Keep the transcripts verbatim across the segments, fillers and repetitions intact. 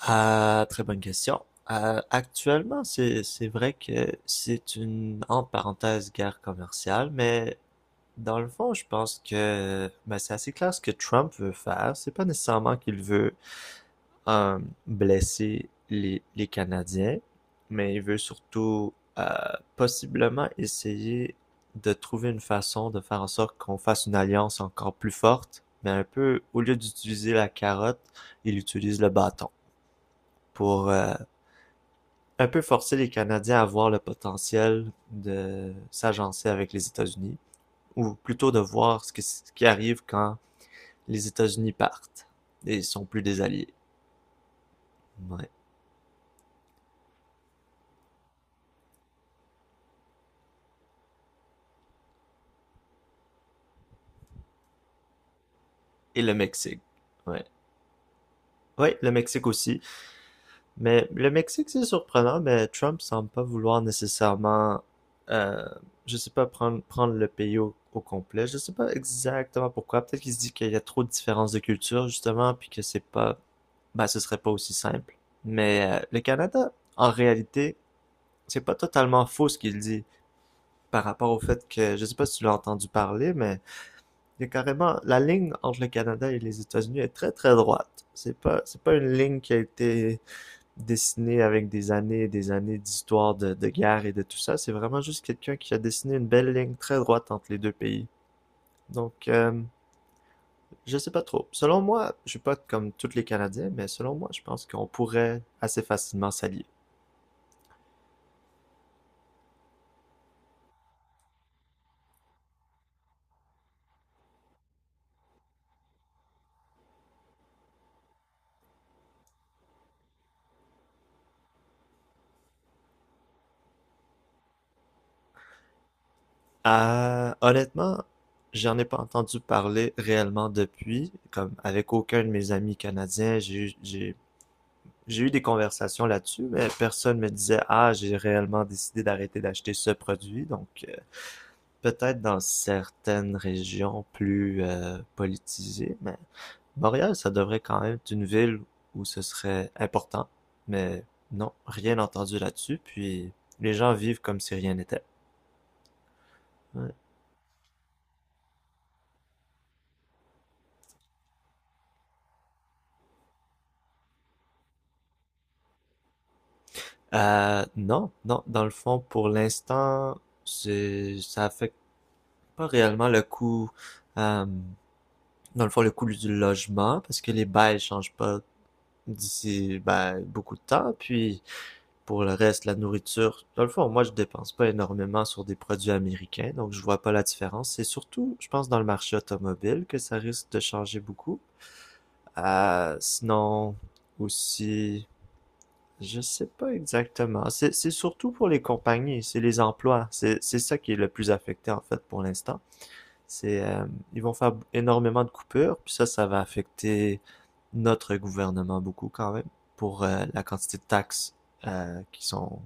Ah, très bonne question. Euh, actuellement, c'est c'est vrai que c'est une entre parenthèses guerre commerciale, mais dans le fond, je pense que ben, c'est assez clair ce que Trump veut faire. C'est pas nécessairement qu'il veut euh, blesser les les Canadiens, mais il veut surtout euh, possiblement essayer de trouver une façon de faire en sorte qu'on fasse une alliance encore plus forte, mais un peu au lieu d'utiliser la carotte, il utilise le bâton pour euh, un peu forcer les Canadiens à voir le potentiel de s'agencer avec les États-Unis, ou plutôt de voir ce, que- ce qui arrive quand les États-Unis partent et ils sont plus des alliés. Ouais. Et le Mexique. Ouais. Ouais, le Mexique aussi. Mais le Mexique, c'est surprenant, mais Trump semble pas vouloir nécessairement, euh, je sais pas, prendre, prendre le pays au, au complet. Je sais pas exactement pourquoi. Peut-être qu'il se dit qu'il y a trop de différences de culture, justement, puis que c'est pas, bah, ben, ce serait pas aussi simple. Mais euh, le Canada, en réalité, c'est pas totalement faux ce qu'il dit par rapport au fait que, je sais pas si tu l'as entendu parler, mais il y a carrément, la ligne entre le Canada et les États-Unis est très très droite. C'est pas, c'est pas une ligne qui a été dessiner avec des années et des années d'histoire de, de guerre et de tout ça. C'est vraiment juste quelqu'un qui a dessiné une belle ligne très droite entre les deux pays. Donc, euh, je sais pas trop. Selon moi, je suis pas comme tous les Canadiens, mais selon moi, je pense qu'on pourrait assez facilement s'allier. Euh, honnêtement, j'en ai pas entendu parler réellement depuis, comme avec aucun de mes amis canadiens, j'ai j'ai j'ai eu des conversations là-dessus, mais personne me disait, ah, j'ai réellement décidé d'arrêter d'acheter ce produit, donc peut-être dans certaines régions plus euh, politisées, mais Montréal, ça devrait quand même être une ville où ce serait important. Mais non, rien entendu là-dessus. Puis les gens vivent comme si rien n'était. Ouais. Euh, non, non, dans le fond, pour l'instant, c'est, ça affecte pas réellement le coût, euh, dans le fond, le coût du logement, parce que les bails changent pas d'ici, ben, beaucoup de temps. Puis pour le reste, la nourriture, dans le fond, moi, je dépense pas énormément sur des produits américains, donc je vois pas la différence. C'est surtout, je pense, dans le marché automobile que ça risque de changer beaucoup. Euh, sinon, aussi, je sais pas exactement. C'est, c'est surtout pour les compagnies, c'est les emplois. C'est, c'est ça qui est le plus affecté, en fait, pour l'instant. C'est, euh, ils vont faire énormément de coupures, puis ça, ça va affecter notre gouvernement beaucoup quand même pour euh, la quantité de taxes euh, qui sont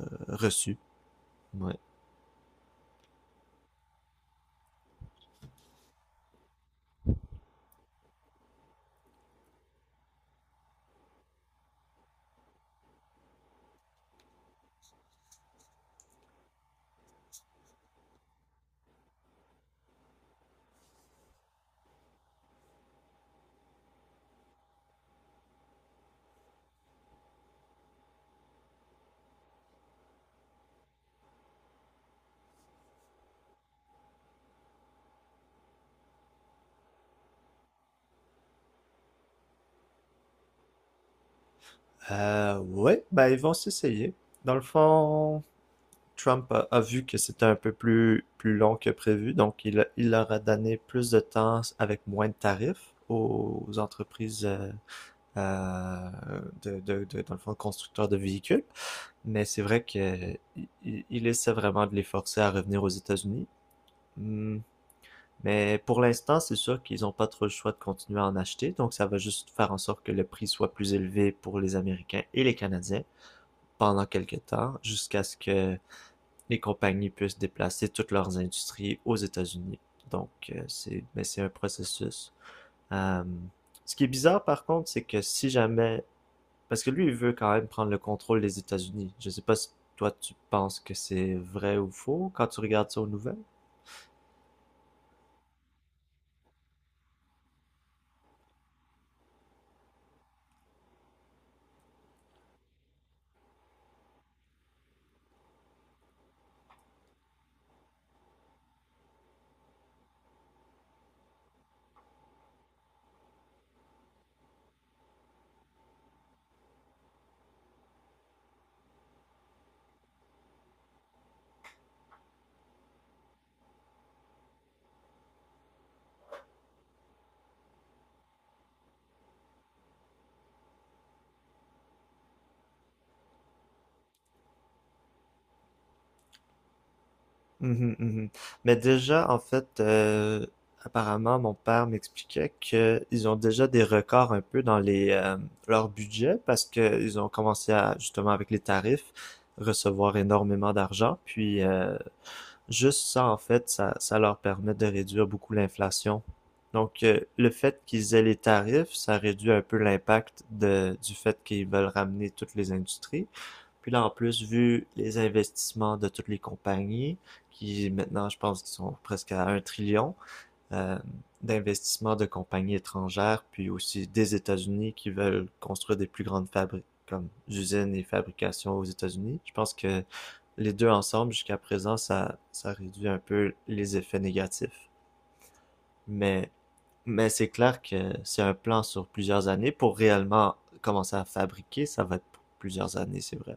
euh, reçues. Ouais. Euh, ouais, ben ils vont s'essayer. Dans le fond, Trump a, a vu que c'était un peu plus, plus long que prévu, donc il, a- il leur a donné plus de temps avec moins de tarifs aux entreprises euh, euh, de, de, de- dans le fond, constructeurs de véhicules. Mais c'est vrai que i- i- il essaie vraiment de les forcer à revenir aux États-Unis. Hmm. Mais pour l'instant, c'est sûr qu'ils n'ont pas trop le choix de continuer à en acheter, donc ça va juste faire en sorte que le prix soit plus élevé pour les Américains et les Canadiens, pendant quelque temps jusqu'à ce que les compagnies puissent déplacer toutes leurs industries aux États-Unis. Donc, euh, c'est mais c'est un processus. Euh, Ce qui est bizarre, par contre, c'est que si jamais... Parce que lui, il veut quand même prendre le contrôle des États-Unis. Je sais pas si toi, tu penses que c'est vrai ou faux quand tu regardes ça aux nouvelles. Mhm, mhm. Mais déjà, en fait, euh, apparemment, mon père m'expliquait qu'ils ont déjà des records un peu dans les euh, leur budget parce qu'ils ont commencé à, justement, avec les tarifs, recevoir énormément d'argent. Puis, euh, juste ça, en fait, ça, ça leur permet de réduire beaucoup l'inflation. Donc, euh, le fait qu'ils aient les tarifs, ça réduit un peu l'impact de, du fait qu'ils veulent ramener toutes les industries. Puis là, en plus, vu les investissements de toutes les compagnies, qui maintenant, je pense qu'ils sont presque à un trillion euh, d'investissements de compagnies étrangères, puis aussi des États-Unis qui veulent construire des plus grandes fabriques, comme usines et fabrications aux États-Unis. Je pense que les deux ensemble, jusqu'à présent, ça, ça réduit un peu les effets négatifs. Mais, mais c'est clair que c'est un plan sur plusieurs années. Pour réellement commencer à fabriquer, ça va être pour plusieurs années, c'est vrai.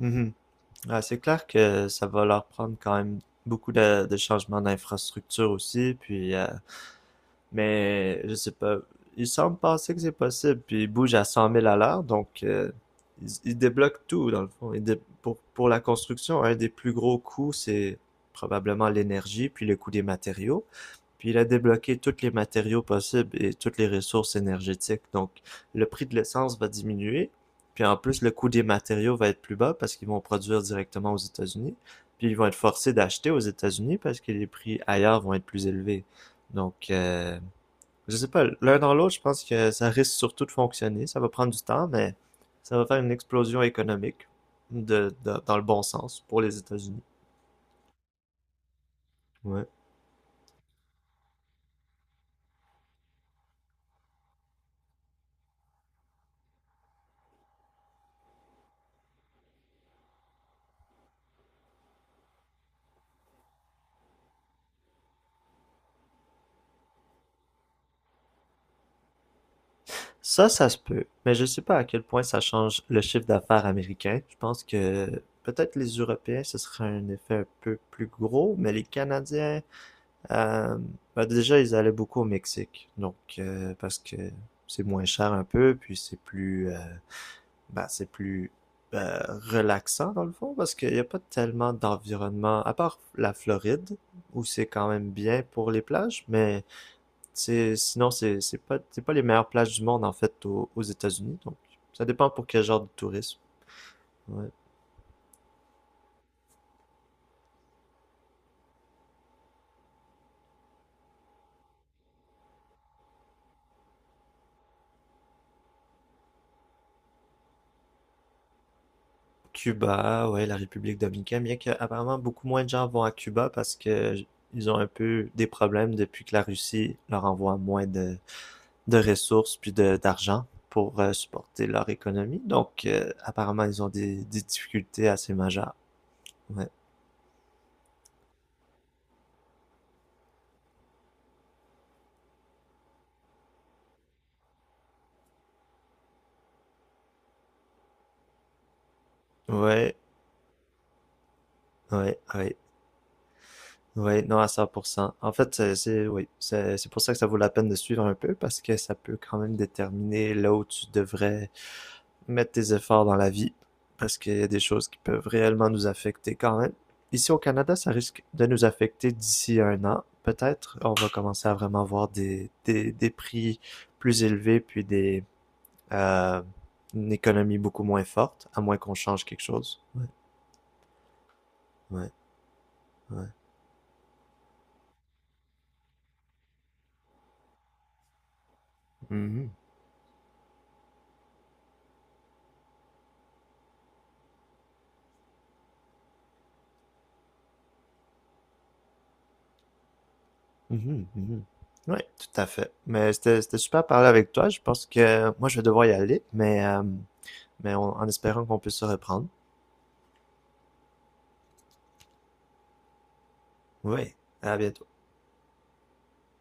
Ouais. Mhm. Ouais, c'est clair que ça va leur prendre quand même beaucoup de, de changements d'infrastructure aussi, puis euh, mais je sais pas, ils semblent penser que c'est possible, puis ils bougent à cent mille à l'heure, donc euh, ils, ils débloquent tout dans le fond. Ils dé- pour, pour la construction, un des plus gros coûts, c'est probablement l'énergie, puis le coût des matériaux. Puis il a débloqué toutes les matériaux possibles et toutes les ressources énergétiques. Donc, le prix de l'essence va diminuer. Puis en plus, le coût des matériaux va être plus bas parce qu'ils vont produire directement aux États-Unis. Puis ils vont être forcés d'acheter aux États-Unis parce que les prix ailleurs vont être plus élevés. Donc, euh, je sais pas, l'un dans l'autre, je pense que ça risque surtout de fonctionner. Ça va prendre du temps, mais ça va faire une explosion économique de, de- dans le bon sens pour les États-Unis. Ouais. Ça, ça se peut, mais je sais pas à quel point ça change le chiffre d'affaires américain. Je pense que peut-être les Européens, ce serait un effet un peu plus gros, mais les Canadiens, euh, bah déjà, ils allaient beaucoup au Mexique, donc euh, parce que c'est moins cher un peu, puis c'est plus, euh, bah, c'est plus euh, relaxant dans le fond, parce qu'il n'y a pas tellement d'environnement, à part la Floride, où c'est quand même bien pour les plages, mais c'est, sinon, c'est, c'est pas, c'est pas les meilleures plages du monde, en fait, aux, aux États-Unis. Donc, ça dépend pour quel genre de tourisme. Ouais. Cuba, ouais, la République dominicaine, bien qu'apparemment beaucoup moins de gens vont à Cuba parce que ils ont un peu des problèmes depuis que la Russie leur envoie moins de, de ressources puis de, d'argent pour euh, supporter leur économie. Donc, euh, apparemment, ils ont des, des difficultés assez majeures. Ouais. Ouais, ouais, ouais. Ouais, non, à cent pour cent. En fait, c'est, c'est- oui, c'est, c'est pour ça que ça vaut la peine de suivre un peu, parce que ça peut quand même déterminer là où tu devrais mettre tes efforts dans la vie, parce qu'il y a des choses qui peuvent réellement nous affecter quand même. Ici au Canada, ça risque de nous affecter d'ici un an. Peut-être on va commencer à vraiment voir des, des, des prix plus élevés, puis des, euh, une économie beaucoup moins forte, à moins qu'on change quelque chose. Ouais, ouais, ouais. Mhm. Mhm, mhm. Oui, tout à fait. Mais c'était c'était super de parler avec toi. Je pense que moi, je vais devoir y aller, mais, euh, mais on- en espérant qu'on puisse se reprendre. Oui, à bientôt.